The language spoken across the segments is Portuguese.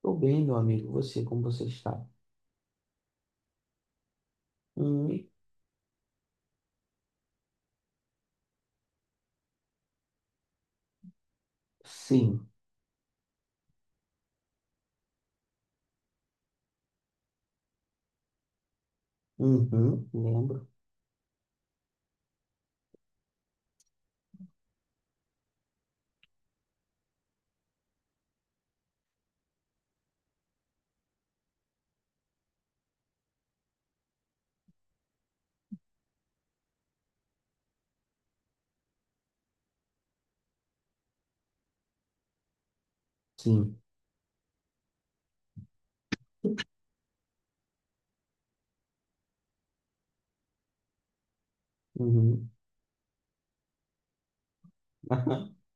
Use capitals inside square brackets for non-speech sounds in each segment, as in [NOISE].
Tô bem, meu amigo. Você, como você está? Hum. Sim. Uhum, lembro. Sim. Uhum. [LAUGHS]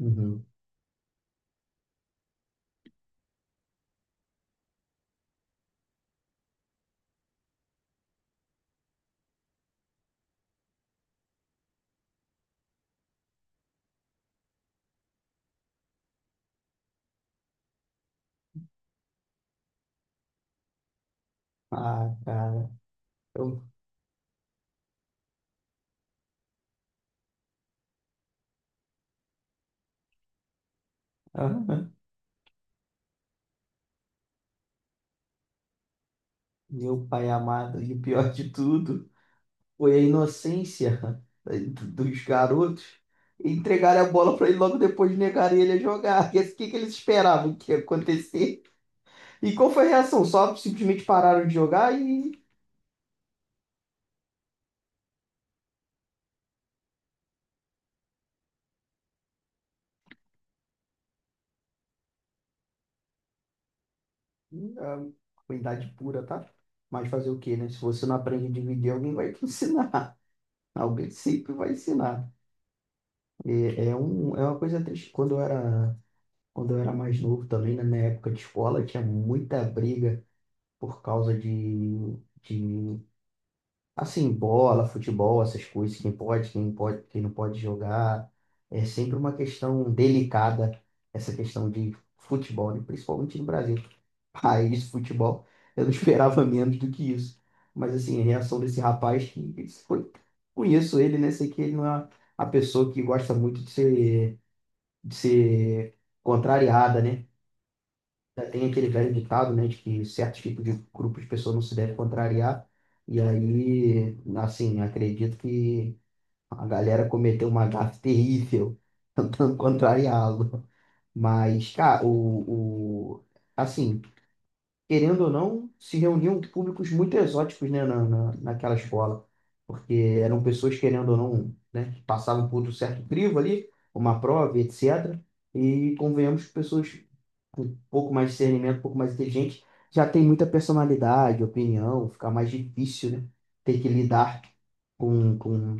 Uhum. Ah, cara. Eu. [LAUGHS] Aham. Meu pai amado, e o pior de tudo foi a inocência dos garotos. Entregaram a bola para ele logo depois negaram ele a jogar. [LAUGHS] E assim, o que que eles esperavam que ia acontecer? E qual foi a reação? Só simplesmente pararam de jogar e a ruindade pura, tá? Mas fazer o quê, né? Se você não aprende a dividir, alguém vai te ensinar. [LAUGHS] Alguém sempre vai ensinar. É uma coisa triste. Quando eu era mais novo também, né, na época de escola, tinha muita briga por causa de, assim, bola, futebol, essas coisas, quem pode, quem não pode jogar. É sempre uma questão delicada, essa questão de futebol, né? Principalmente no Brasil, raiz de futebol. Eu não esperava [LAUGHS] menos do que isso. Mas assim, a reação desse rapaz, conheço ele, né? Sei que ele não é a pessoa que gosta muito de ser contrariada, né? Já tem aquele velho ditado, né, de que certos tipos de grupos de pessoas não se deve contrariar. E aí, assim, acredito que a galera cometeu uma gafe terrível [LAUGHS] tentando contrariá-lo. Mas, cara, assim, querendo ou não, se reuniam públicos muito exóticos, né, naquela escola, porque eram pessoas, querendo ou não, né, que passavam por um certo crivo ali, uma prova, etc. E convenhamos que pessoas com um pouco mais de discernimento, um pouco mais inteligentes, já tem muita personalidade, opinião, fica mais difícil, né, ter que lidar com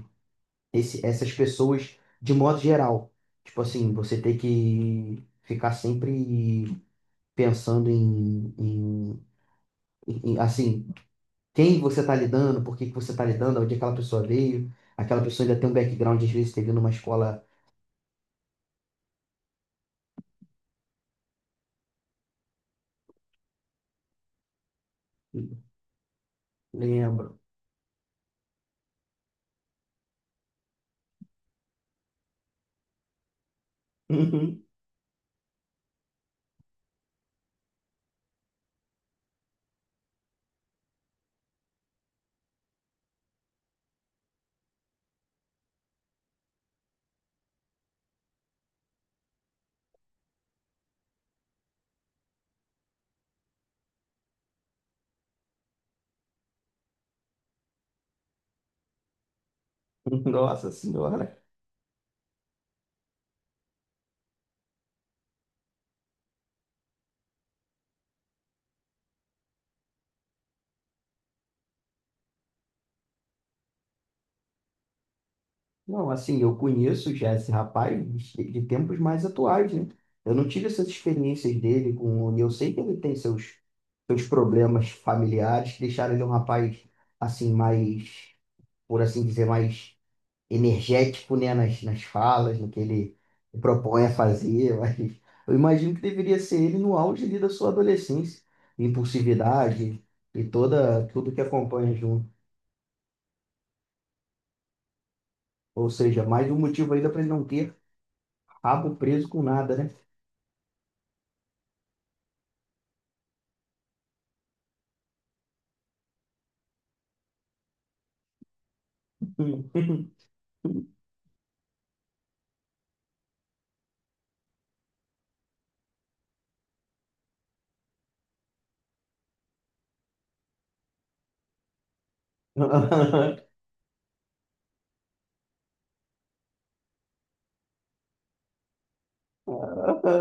essas pessoas de modo geral. Tipo assim, você ter que ficar sempre pensando em, assim, quem você está lidando, por que que você está lidando, onde aquela pessoa veio. Aquela pessoa ainda tem um background, às vezes, teve numa escola. Lembro. [LAUGHS] Uhum. Nossa Senhora. Não, assim, eu conheço já esse rapaz de tempos mais atuais, né? Eu não tive essas experiências dele com. E eu sei que ele tem seus problemas familiares que deixaram ele um rapaz, assim, mais, por assim dizer, mais energético, né, nas falas, no que ele propõe a fazer, [LAUGHS] mas eu imagino que deveria ser ele no auge ali da sua adolescência, impulsividade e toda tudo que acompanha junto. Ou seja, mais um motivo ainda para ele não ter rabo preso com nada, né? [LAUGHS]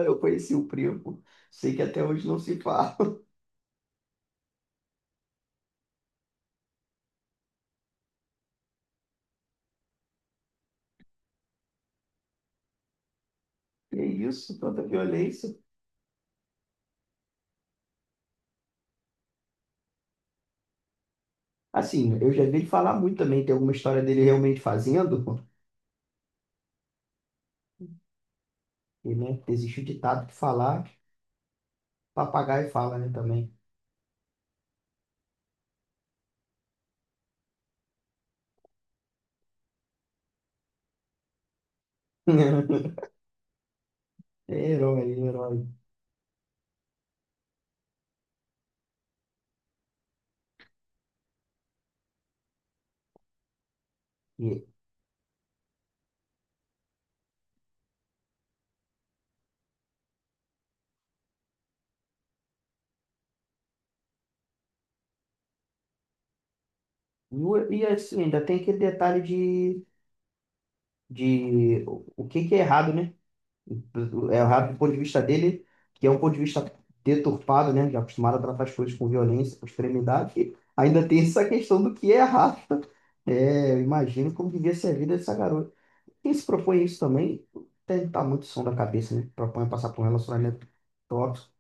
Eu conheci o primo, sei que até hoje não se fala. E é isso, tanta violência. Assim, eu já vi ele falar muito também, tem alguma história dele realmente fazendo, e, né, existe o ditado que falar Papagaio fala, né, também. [LAUGHS] Herói, é herói. E, e assim, ainda tem aquele detalhe de, o que que é errado, né? É errado do ponto de vista dele, que é um ponto de vista deturpado, né? Já acostumado a tratar as coisas com violência, com extremidade. E ainda tem essa questão do que é errado. É, eu imagino como devia ser a vida dessa garota. Quem se propõe isso também tem que estar muito som da cabeça, né? Propõe passar por um relacionamento tóxico.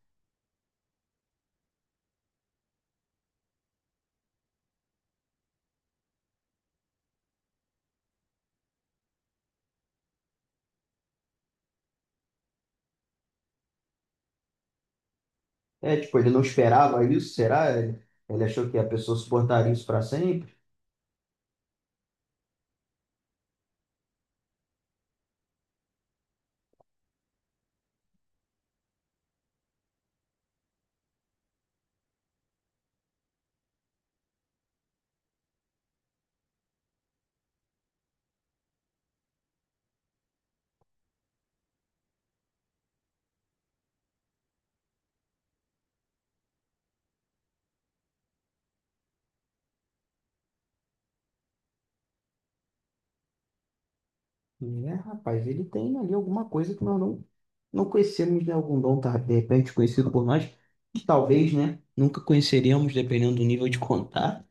É, tipo, ele não esperava isso, será? Ele achou que a pessoa suportaria isso para sempre? É, rapaz, ele tem ali alguma coisa que nós não conhecemos, né? Algum dom, tá, de repente, conhecido por nós, que talvez, né, nunca conheceríamos, dependendo do nível de contato.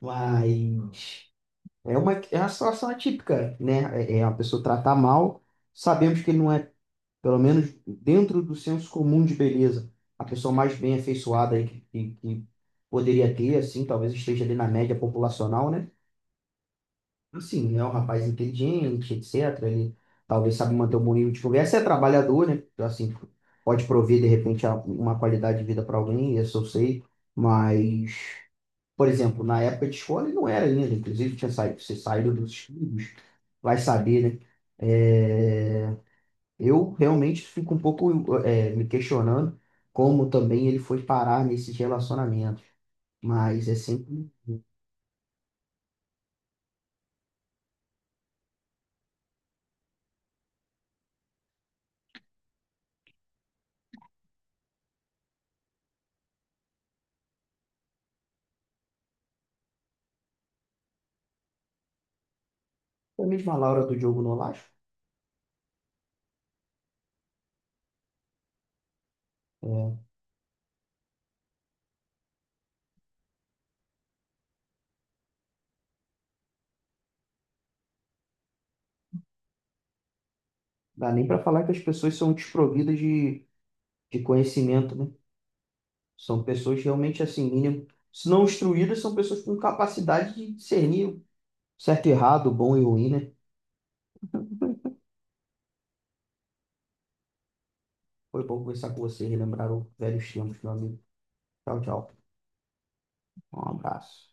Mas é uma situação atípica, né? É uma pessoa tratar mal, sabemos que ele não é pelo menos dentro do senso comum de beleza, a pessoa mais bem afeiçoada aí que poderia ter, assim, talvez esteja ali na média populacional, né? Assim, é um rapaz inteligente, etc. Ele talvez sabe manter um bom nível de conversa, é trabalhador, né? Então, assim, pode prover, de repente, uma qualidade de vida para alguém, isso eu sei, mas... Por exemplo, na época de escola ele não era ainda, inclusive tinha saído, você saído dos estudos, vai saber, né? É, eu realmente fico um pouco me questionando como também ele foi parar nesses relacionamentos. Mas é sempre a mesma Laura do Diogo Nolasco. É, dá nem para falar que as pessoas são desprovidas de conhecimento, né? São pessoas realmente assim, mínimo, se não instruídas, são pessoas com capacidade de discernir o certo e errado, o bom e o ruim, né? Foi bom conversar com você, relembrar os velhos tempos, meu amigo. Tchau, tchau. Um abraço.